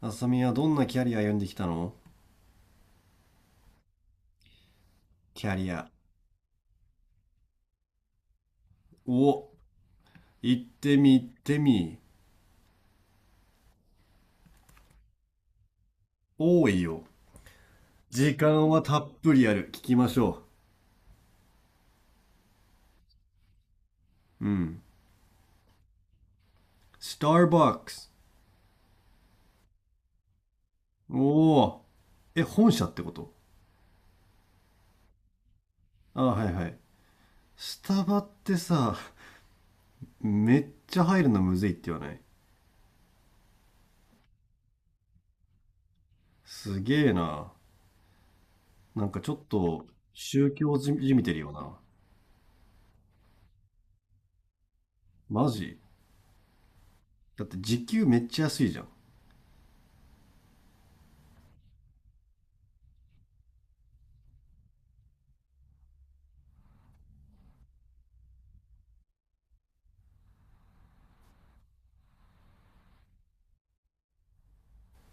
あさみはどんなキャリア歩んできたの？キャリア。お、行ってみ行ってみ。多いよ。時間はたっぷりある。聞きましょう。うん。スターバックス。おお。え、本社ってこと？あ、はいはい。スタバってさ、めっちゃ入るのむずいって言わない？すげえな。なんかちょっと宗教じみてるよな。マジ？だって時給めっちゃ安いじゃん。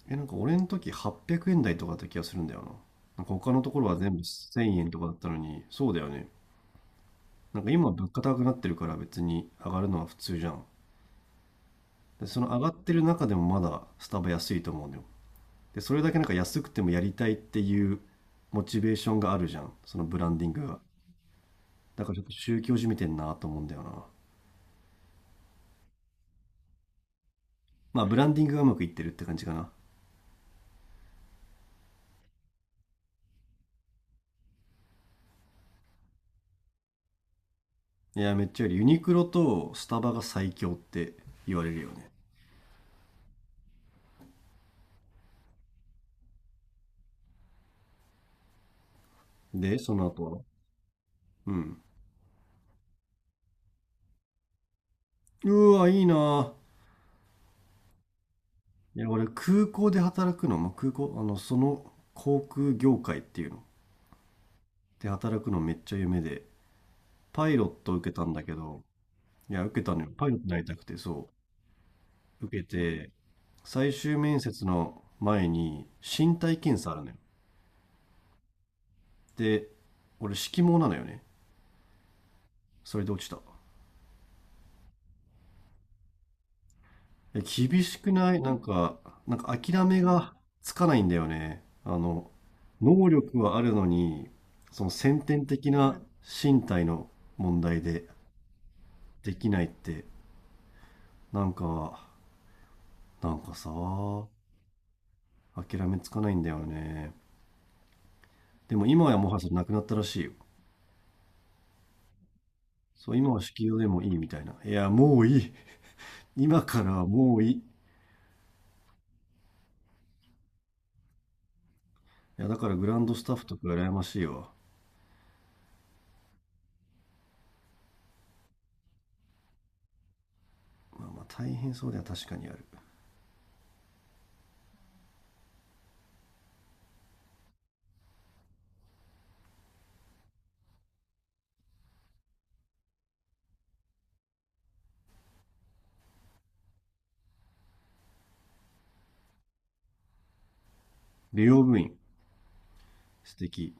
え、なんか俺の時800円台とかだった気がするんだよな。なんか他のところは全部1000円とかだったのに、そうだよね。なんか今物価高くなってるから別に上がるのは普通じゃん。で、その上がってる中でもまだスタバ安いと思うんだよ。で、それだけなんか安くてもやりたいっていうモチベーションがあるじゃん。そのブランディングが。だからちょっと宗教じみてんなと思うんだよな。まあブランディングがうまくいってるって感じかな。いや、めっちゃよりユニクロとスタバが最強って言われるよね。で、その後は？うん。うわ、いいな。いや、俺、空港で働くの、まあ、空港、その航空業界っていうの、で働くのめっちゃ夢で、パイロット受けたんだけど、いや、受けたのよ。パイロットになりたくて、そう、受けて、最終面接の前に身体検査あるのよ。で、俺、色盲なのよね。それで落ちた。え、厳しくない？なんか、なんか諦めがつかないんだよね。能力はあるのに、その先天的な身体の問題でできないって、なんか、なんかさ、諦めつかないんだよね。でも今はもはやそれなくなったらしいよ。そう、今は式場でもいいみたいな。いや、もういい。今からはもういい。いや、だからグランドスタッフとか羨ましいわ。まあまあ大変そうでは確かにある。美容部員、素敵。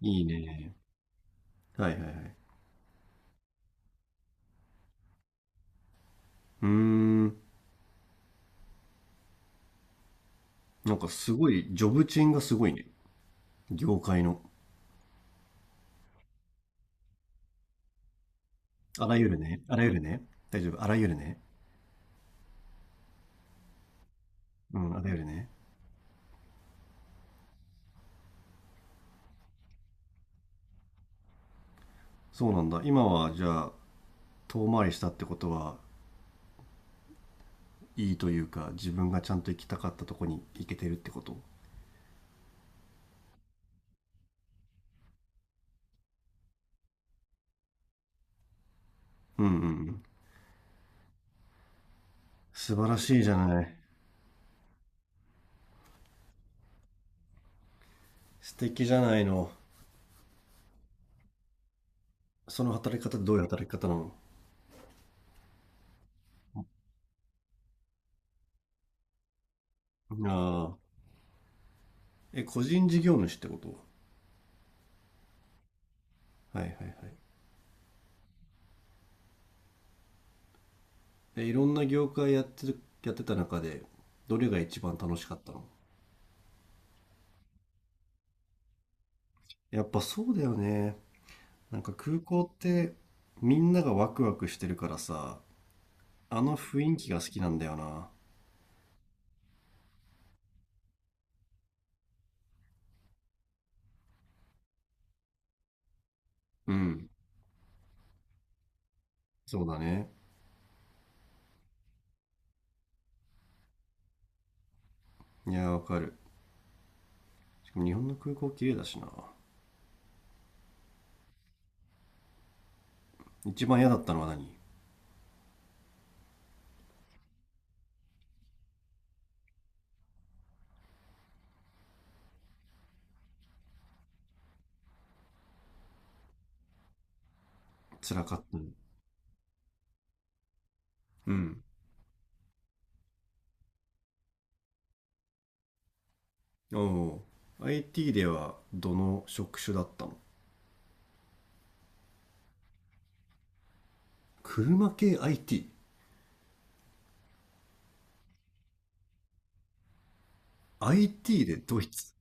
いいね。はいはいはい。うーん。なんかすごい、ジョブチェーンがすごいね。業界の。あらゆるね。あらゆるね。大丈夫。あらゆるね。うん、あらゆるね。そうなんだ。今はじゃあ、遠回りしたってことは、いいというか、自分がちゃんと行きたかったとこに行けてるってこと？うんうんうん。素晴らしいじゃない。素敵じゃないの。その働き方どういう働き方なの？ああ。え、個人事業主ってこと？はいはいはい。え、いろんな業界やってる、やってた中で、どれが一番楽しかったの？やっぱそうだよね。なんか空港ってみんながワクワクしてるからさ、あの雰囲気が好きなんだよな。うん、そうだね。いや、わかる。しかも日本の空港綺麗だしな。一番嫌だったのは何？辛かったの？うん。おお。IT ではどの職種だったの？車系 IT。IT でドイツ。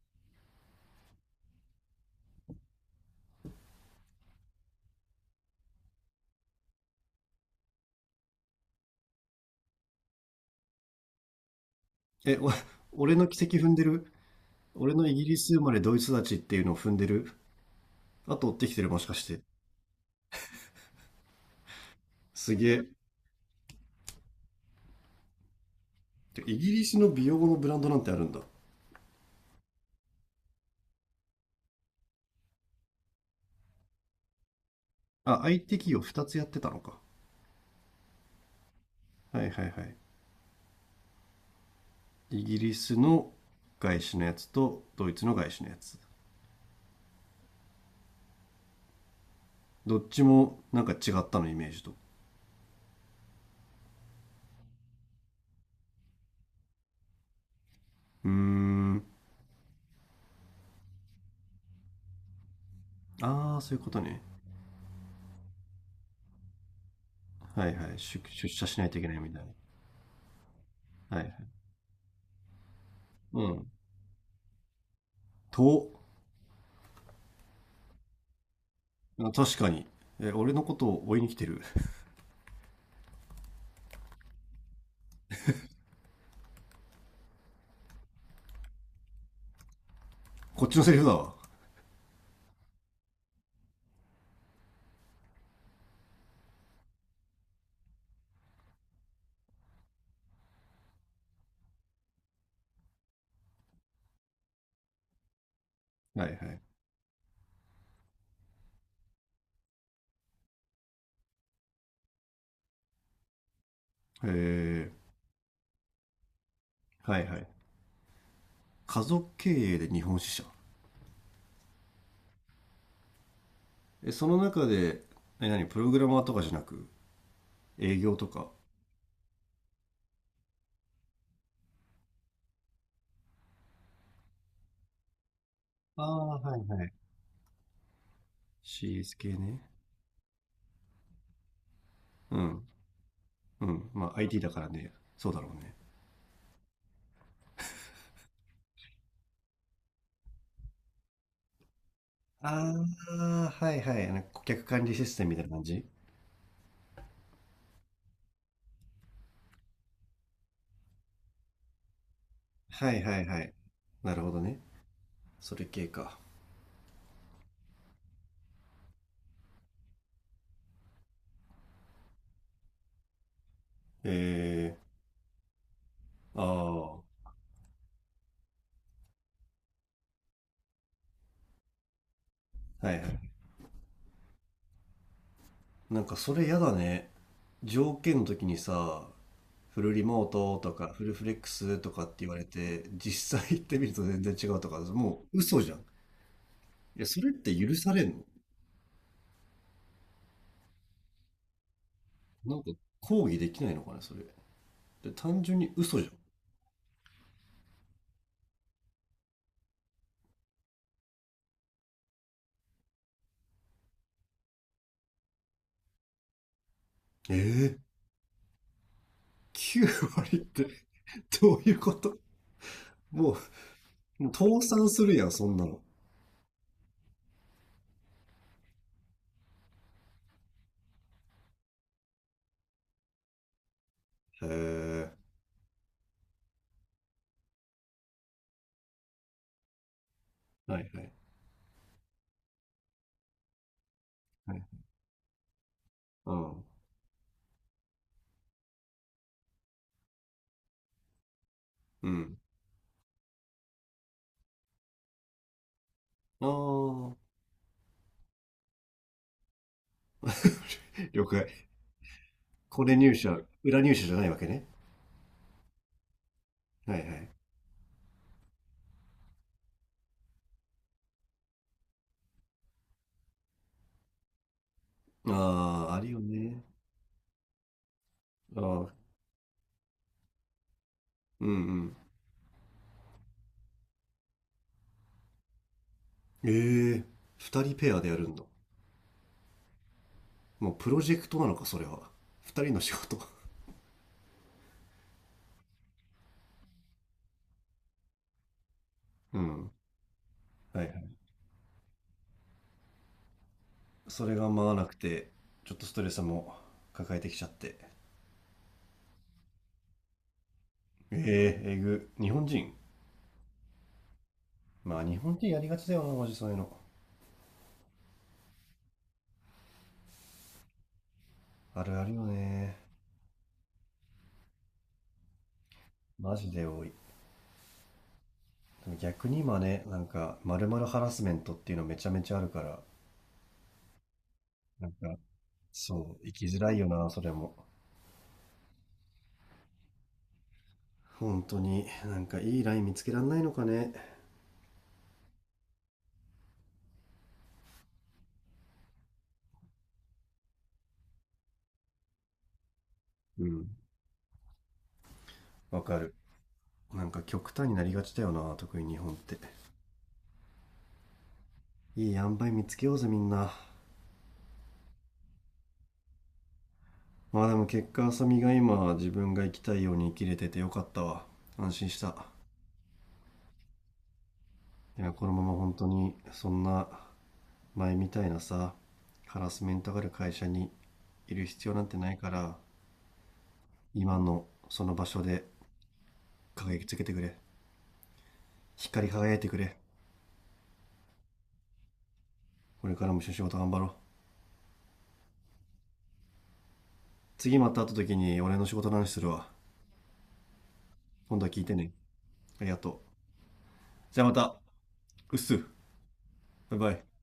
え、お、俺の軌跡踏んでる？俺のイギリス生まれドイツ育ちっていうのを踏んでる？後追ってきてるもしかして？すげえ。てイギリスの美容のブランドなんてあるんだ。あ、IT 企業2つやってたのか。はいはいはい。イギリスの外資のやつとドイツの外資のやつ。どっちもなんか違ったのイメージと？うーん。ああ、そういうことね。はいはい。出社しないといけないみたいな。はいはい。うん。と、あ確かに。え、俺のことを追いに来てる？こっちのセリフだわ。はいはい。へえ、はいはい。家族経営で日本支社。え、その中で、え、何、プログラマーとかじゃなく営業とか、ああ、はいはい。CS 系ね。うん、うん。まあ IT だからね、そうだろうね。ああ、はいはい。なんか顧客管理システムみたいな感じ？はいはいはい。なるほどね。それ系か。えああ、はいはい。なんかそれやだね。条件の時にさ、フルリモートとかフルフレックスとかって言われて、実際行ってみると全然違うとか、もう嘘じゃん。いや、それって許されんの？なんか抗議できないのかね、それ。で単純に嘘じゃん。ええ、9割ってどういうこと？もう、もう倒産するやん、そんなの。へえ。はいはい。はい、うん。うん。ああ、了解。これ入社、裏入社じゃないわけね？はいはい。ああ、あるよね。ああ、うんうん。ええ、二人ペアでやるんだ。もうプロジェクトなのか、それは。二人の仕事。うん。はいはい。それが回らなくて、ちょっとストレスも抱えてきちゃって。えええぐ。日本人。まあ日本人やりがちだよな、マジそういうの。あるあるよね。マジで多い。でも逆に今ね、なんか、まるまるハラスメントっていうのめちゃめちゃあるから、なんか、そう、生きづらいよな、それも。本当に、なんかいいライン見つけらんないのかね。うん。わかる。なんか極端になりがちだよな、特に日本って。いい塩梅見つけようぜ、みんな。まあでも結果、浅見が今、自分が生きたいように生きれててよかったわ。安心した。いや、このまま本当にそんな前みたいなさ、ハラスメントがある会社にいる必要なんてないから、今のその場所で輝きつけてくれ。光り輝いてくれ。これからも一緒に仕事頑張ろう。次また会った時に俺の仕事の話するわ。今度は聞いてね。ありがとう。じゃあまた。うっす。バイバイ。